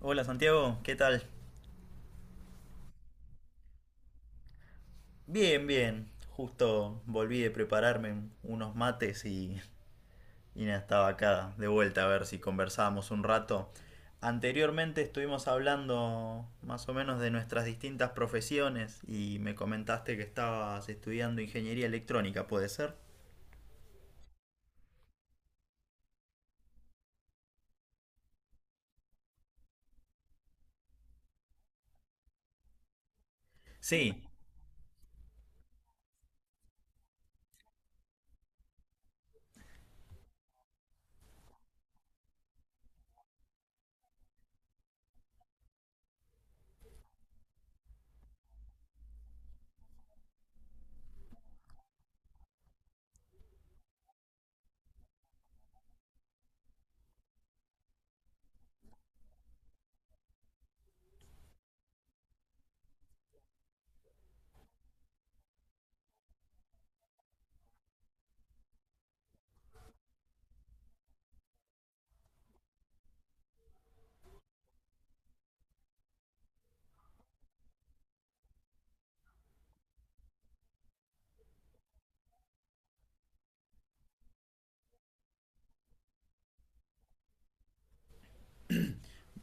Hola Santiago, ¿qué tal? Bien, bien. Justo volví de prepararme unos mates y nada, estaba acá de vuelta a ver si conversábamos un rato. Anteriormente estuvimos hablando más o menos de nuestras distintas profesiones y me comentaste que estabas estudiando ingeniería electrónica, ¿puede ser? Sí,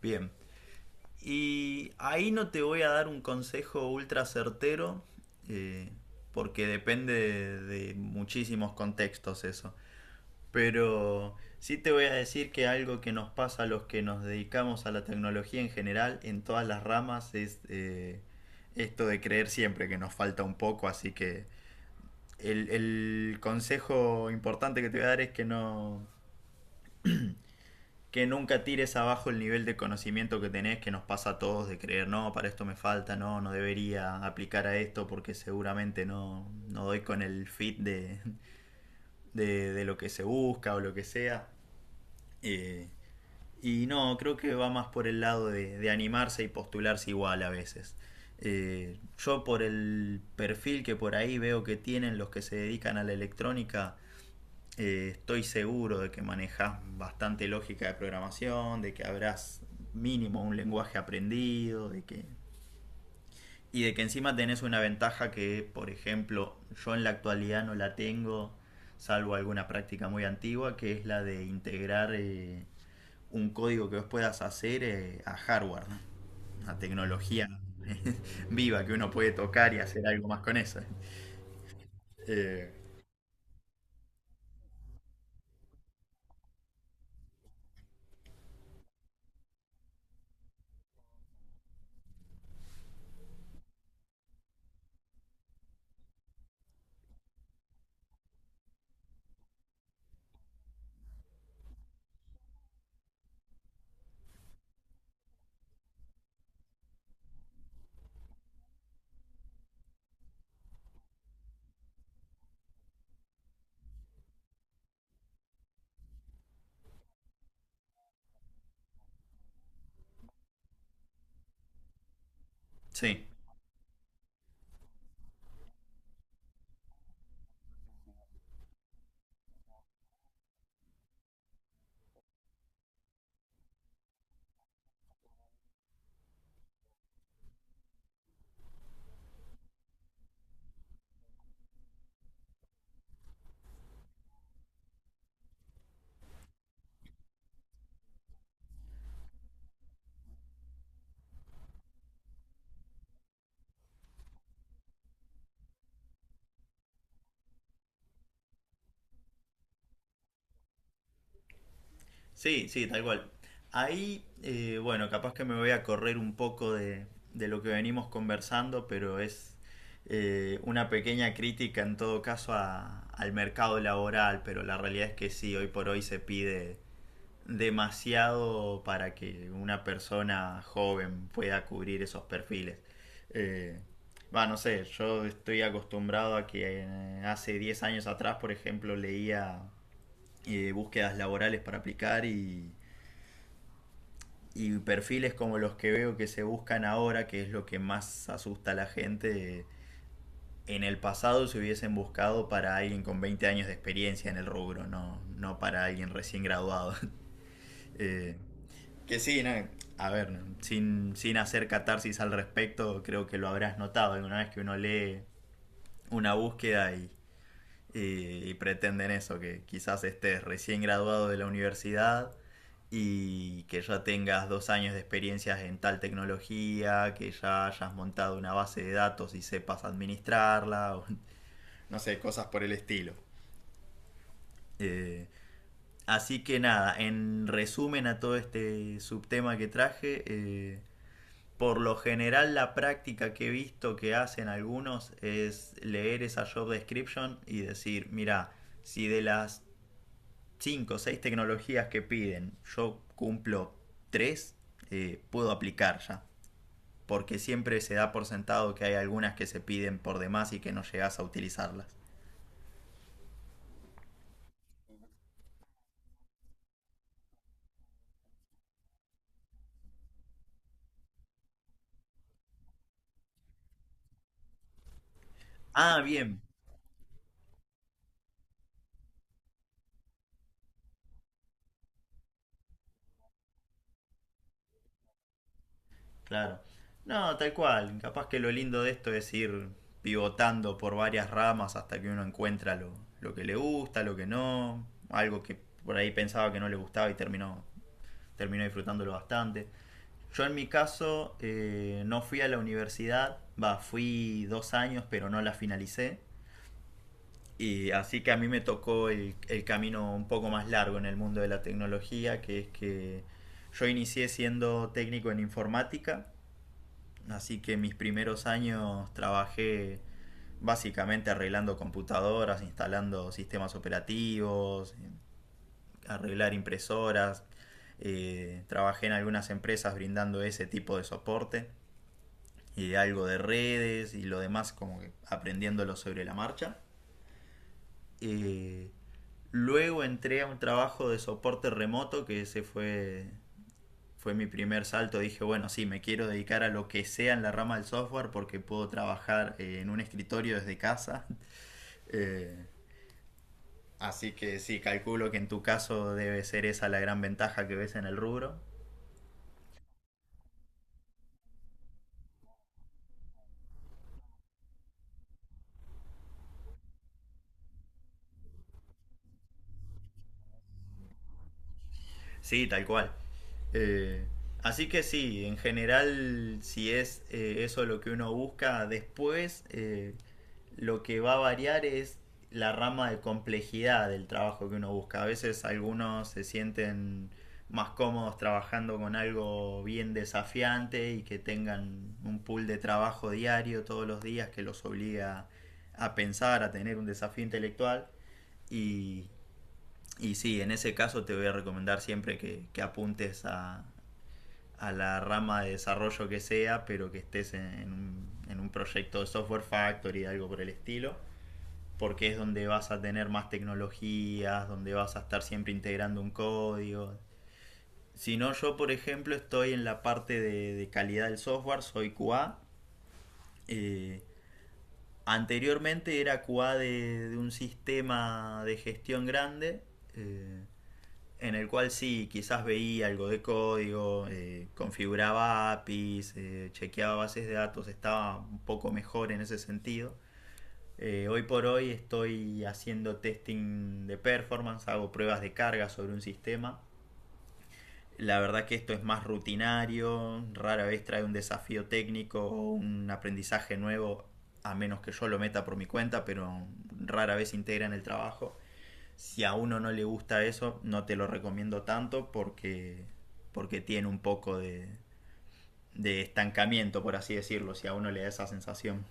bien. Y ahí no te voy a dar un consejo ultra certero, eh, porque depende de muchísimos contextos eso. Pero sí te voy a decir que algo que nos pasa a los que nos dedicamos a la tecnología en general, en todas las ramas, es esto de creer siempre que nos falta un poco. Así que el consejo importante que te voy a dar es que no que nunca tires abajo el nivel de conocimiento que tenés, que nos pasa a todos de creer, no, para esto me falta, no, no debería aplicar a esto porque seguramente no, no doy con el fit de lo que se busca o lo que sea. Eh, Y no, creo que va más por el lado de animarse y postularse igual a veces. Yo por el perfil que por ahí veo que tienen los que se dedican a la electrónica, estoy seguro de que manejas bastante lógica de programación, de que habrás mínimo un lenguaje aprendido, de que y de que encima tenés una ventaja que, por ejemplo, yo en la actualidad no la tengo, salvo alguna práctica muy antigua, que es la de integrar un código que vos puedas hacer a hardware, ¿no? Una tecnología viva que uno puede tocar y hacer algo más con eso. Eh, sí, sí, tal cual. Ahí, bueno, capaz que me voy a correr un poco de lo que venimos conversando, pero es una pequeña crítica en todo caso al mercado laboral, pero la realidad es que sí, hoy por hoy se pide demasiado para que una persona joven pueda cubrir esos perfiles. Eh, va, no sé, yo estoy acostumbrado a que hace 10 años atrás, por ejemplo, leía búsquedas laborales para aplicar y perfiles como los que veo que se buscan ahora, que es lo que más asusta a la gente. En el pasado se hubiesen buscado para alguien con 20 años de experiencia en el rubro, no, no para alguien recién graduado. Eh, Que sí, no, a ver, sin hacer catarsis al respecto, creo que lo habrás notado alguna vez que uno lee una búsqueda y pretenden eso, que quizás estés recién graduado de la universidad y que ya tengas 2 años de experiencias en tal tecnología, que ya hayas montado una base de datos y sepas administrarla, o no sé, cosas por el estilo. Eh, así que nada, en resumen a todo este subtema que traje, por lo general la práctica que he visto que hacen algunos es leer esa job description y decir, mira, si de las 5 o 6 tecnologías que piden yo cumplo 3, puedo aplicar ya. Porque siempre se da por sentado que hay algunas que se piden por demás y que no llegas a utilizarlas. Ah, bien, claro. No, tal cual. Capaz que lo lindo de esto es ir pivotando por varias ramas hasta que uno encuentra lo que le gusta, lo que no, algo que por ahí pensaba que no le gustaba y terminó, terminó disfrutándolo bastante. Yo en mi caso no fui a la universidad, va, fui 2 años pero no la finalicé. Y así que a mí me tocó el camino un poco más largo en el mundo de la tecnología, que es que yo inicié siendo técnico en informática. Así que mis primeros años trabajé básicamente arreglando computadoras, instalando sistemas operativos, arreglar impresoras. Trabajé en algunas empresas brindando ese tipo de soporte y algo de redes y lo demás como que aprendiéndolo sobre la marcha. Eh, luego entré a un trabajo de soporte remoto que ese fue fue mi primer salto. Dije, bueno, sí, me quiero dedicar a lo que sea en la rama del software porque puedo trabajar en un escritorio desde casa. Eh, así que sí, calculo que en tu caso debe ser esa la gran ventaja que ves en el rubro. Sí, tal cual. Eh, así que sí, en general, si es eso lo que uno busca, después lo que va a variar es la rama de complejidad del trabajo que uno busca. A veces algunos se sienten más cómodos trabajando con algo bien desafiante y que tengan un pool de trabajo diario todos los días que los obliga a pensar, a tener un desafío intelectual. Y y sí, en ese caso te voy a recomendar siempre que apuntes a la rama de desarrollo que sea, pero que estés en un proyecto de software factory, algo por el estilo, porque es donde vas a tener más tecnologías, donde vas a estar siempre integrando un código. Si no, yo por ejemplo estoy en la parte de calidad del software, soy QA. eh, anteriormente era QA de un sistema de gestión grande. eh, en el cual sí, quizás veía algo de código, configuraba APIs, chequeaba bases de datos, estaba un poco mejor en ese sentido. Hoy por hoy estoy haciendo testing de performance, hago pruebas de carga sobre un sistema. La verdad que esto es más rutinario, rara vez trae un desafío técnico o un aprendizaje nuevo, a menos que yo lo meta por mi cuenta, pero rara vez integra en el trabajo. Si a uno no le gusta eso, no te lo recomiendo tanto porque, porque tiene un poco de estancamiento, por así decirlo, si a uno le da esa sensación.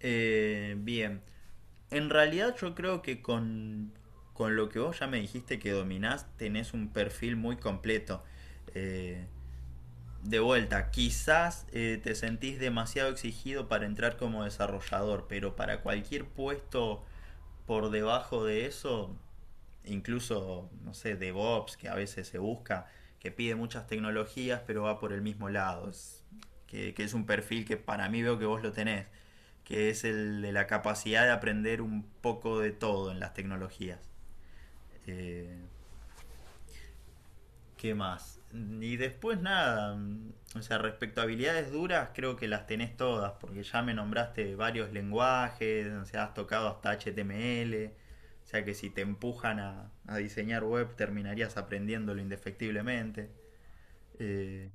Bien, en realidad yo creo que con lo que vos ya me dijiste que dominás, tenés un perfil muy completo. Eh, de vuelta, quizás te sentís demasiado exigido para entrar como desarrollador, pero para cualquier puesto por debajo de eso, incluso, no sé, DevOps, que a veces se busca, que pide muchas tecnologías, pero va por el mismo lado. Que es un perfil que para mí veo que vos lo tenés, que es el de la capacidad de aprender un poco de todo en las tecnologías. Eh, ¿Qué más? Y después nada, o sea, respecto a habilidades duras, creo que las tenés todas, porque ya me nombraste varios lenguajes, o sea, has tocado hasta HTML, o sea que si te empujan a diseñar web terminarías aprendiéndolo indefectiblemente. Eh,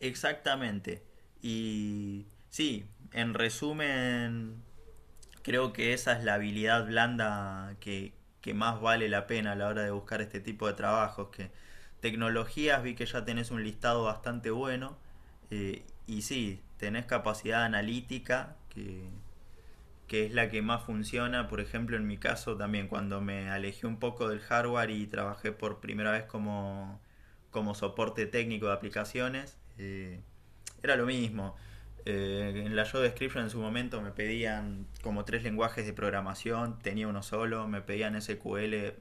exactamente. Y sí, en resumen, creo que esa es la habilidad blanda que más vale la pena a la hora de buscar este tipo de trabajos. Que tecnologías, vi que ya tenés un listado bastante bueno. Y sí, tenés capacidad analítica, que es la que más funciona, por ejemplo, en mi caso también, cuando me alejé un poco del hardware y trabajé por primera vez como, como soporte técnico de aplicaciones, era lo mismo. En la show description en su momento me pedían como tres lenguajes de programación, tenía uno solo, me pedían SQL.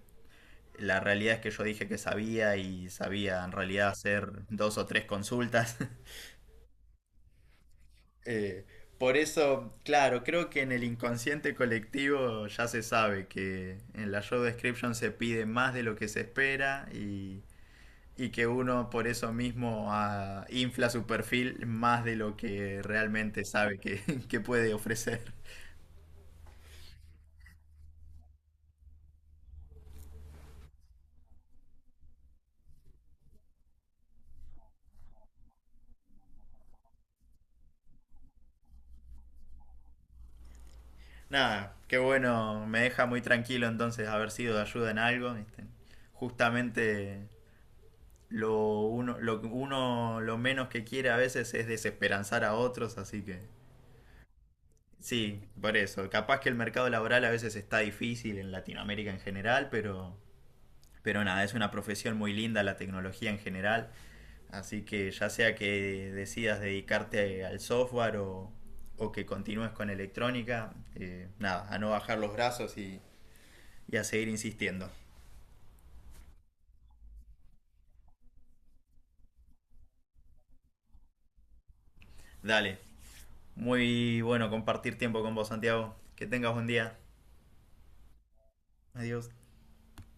La realidad es que yo dije que sabía y sabía en realidad hacer dos o tres consultas. Eh, por eso, claro, creo que en el inconsciente colectivo ya se sabe que en la show description se pide más de lo que se espera y que uno por eso mismo infla su perfil más de lo que realmente sabe que, que puede ofrecer. Nada, qué bueno, me deja muy tranquilo entonces haber sido de ayuda en algo. ¿Viste? Justamente lo uno lo menos que quiere a veces es desesperanzar a otros, así que sí, por eso. Capaz que el mercado laboral a veces está difícil en Latinoamérica en general, pero nada, es una profesión muy linda la tecnología en general. Así que ya sea que decidas dedicarte al software o que continúes con electrónica, nada, a no bajar los brazos y a seguir insistiendo. Dale, muy bueno compartir tiempo con vos, Santiago. Que tengas buen día. Adiós.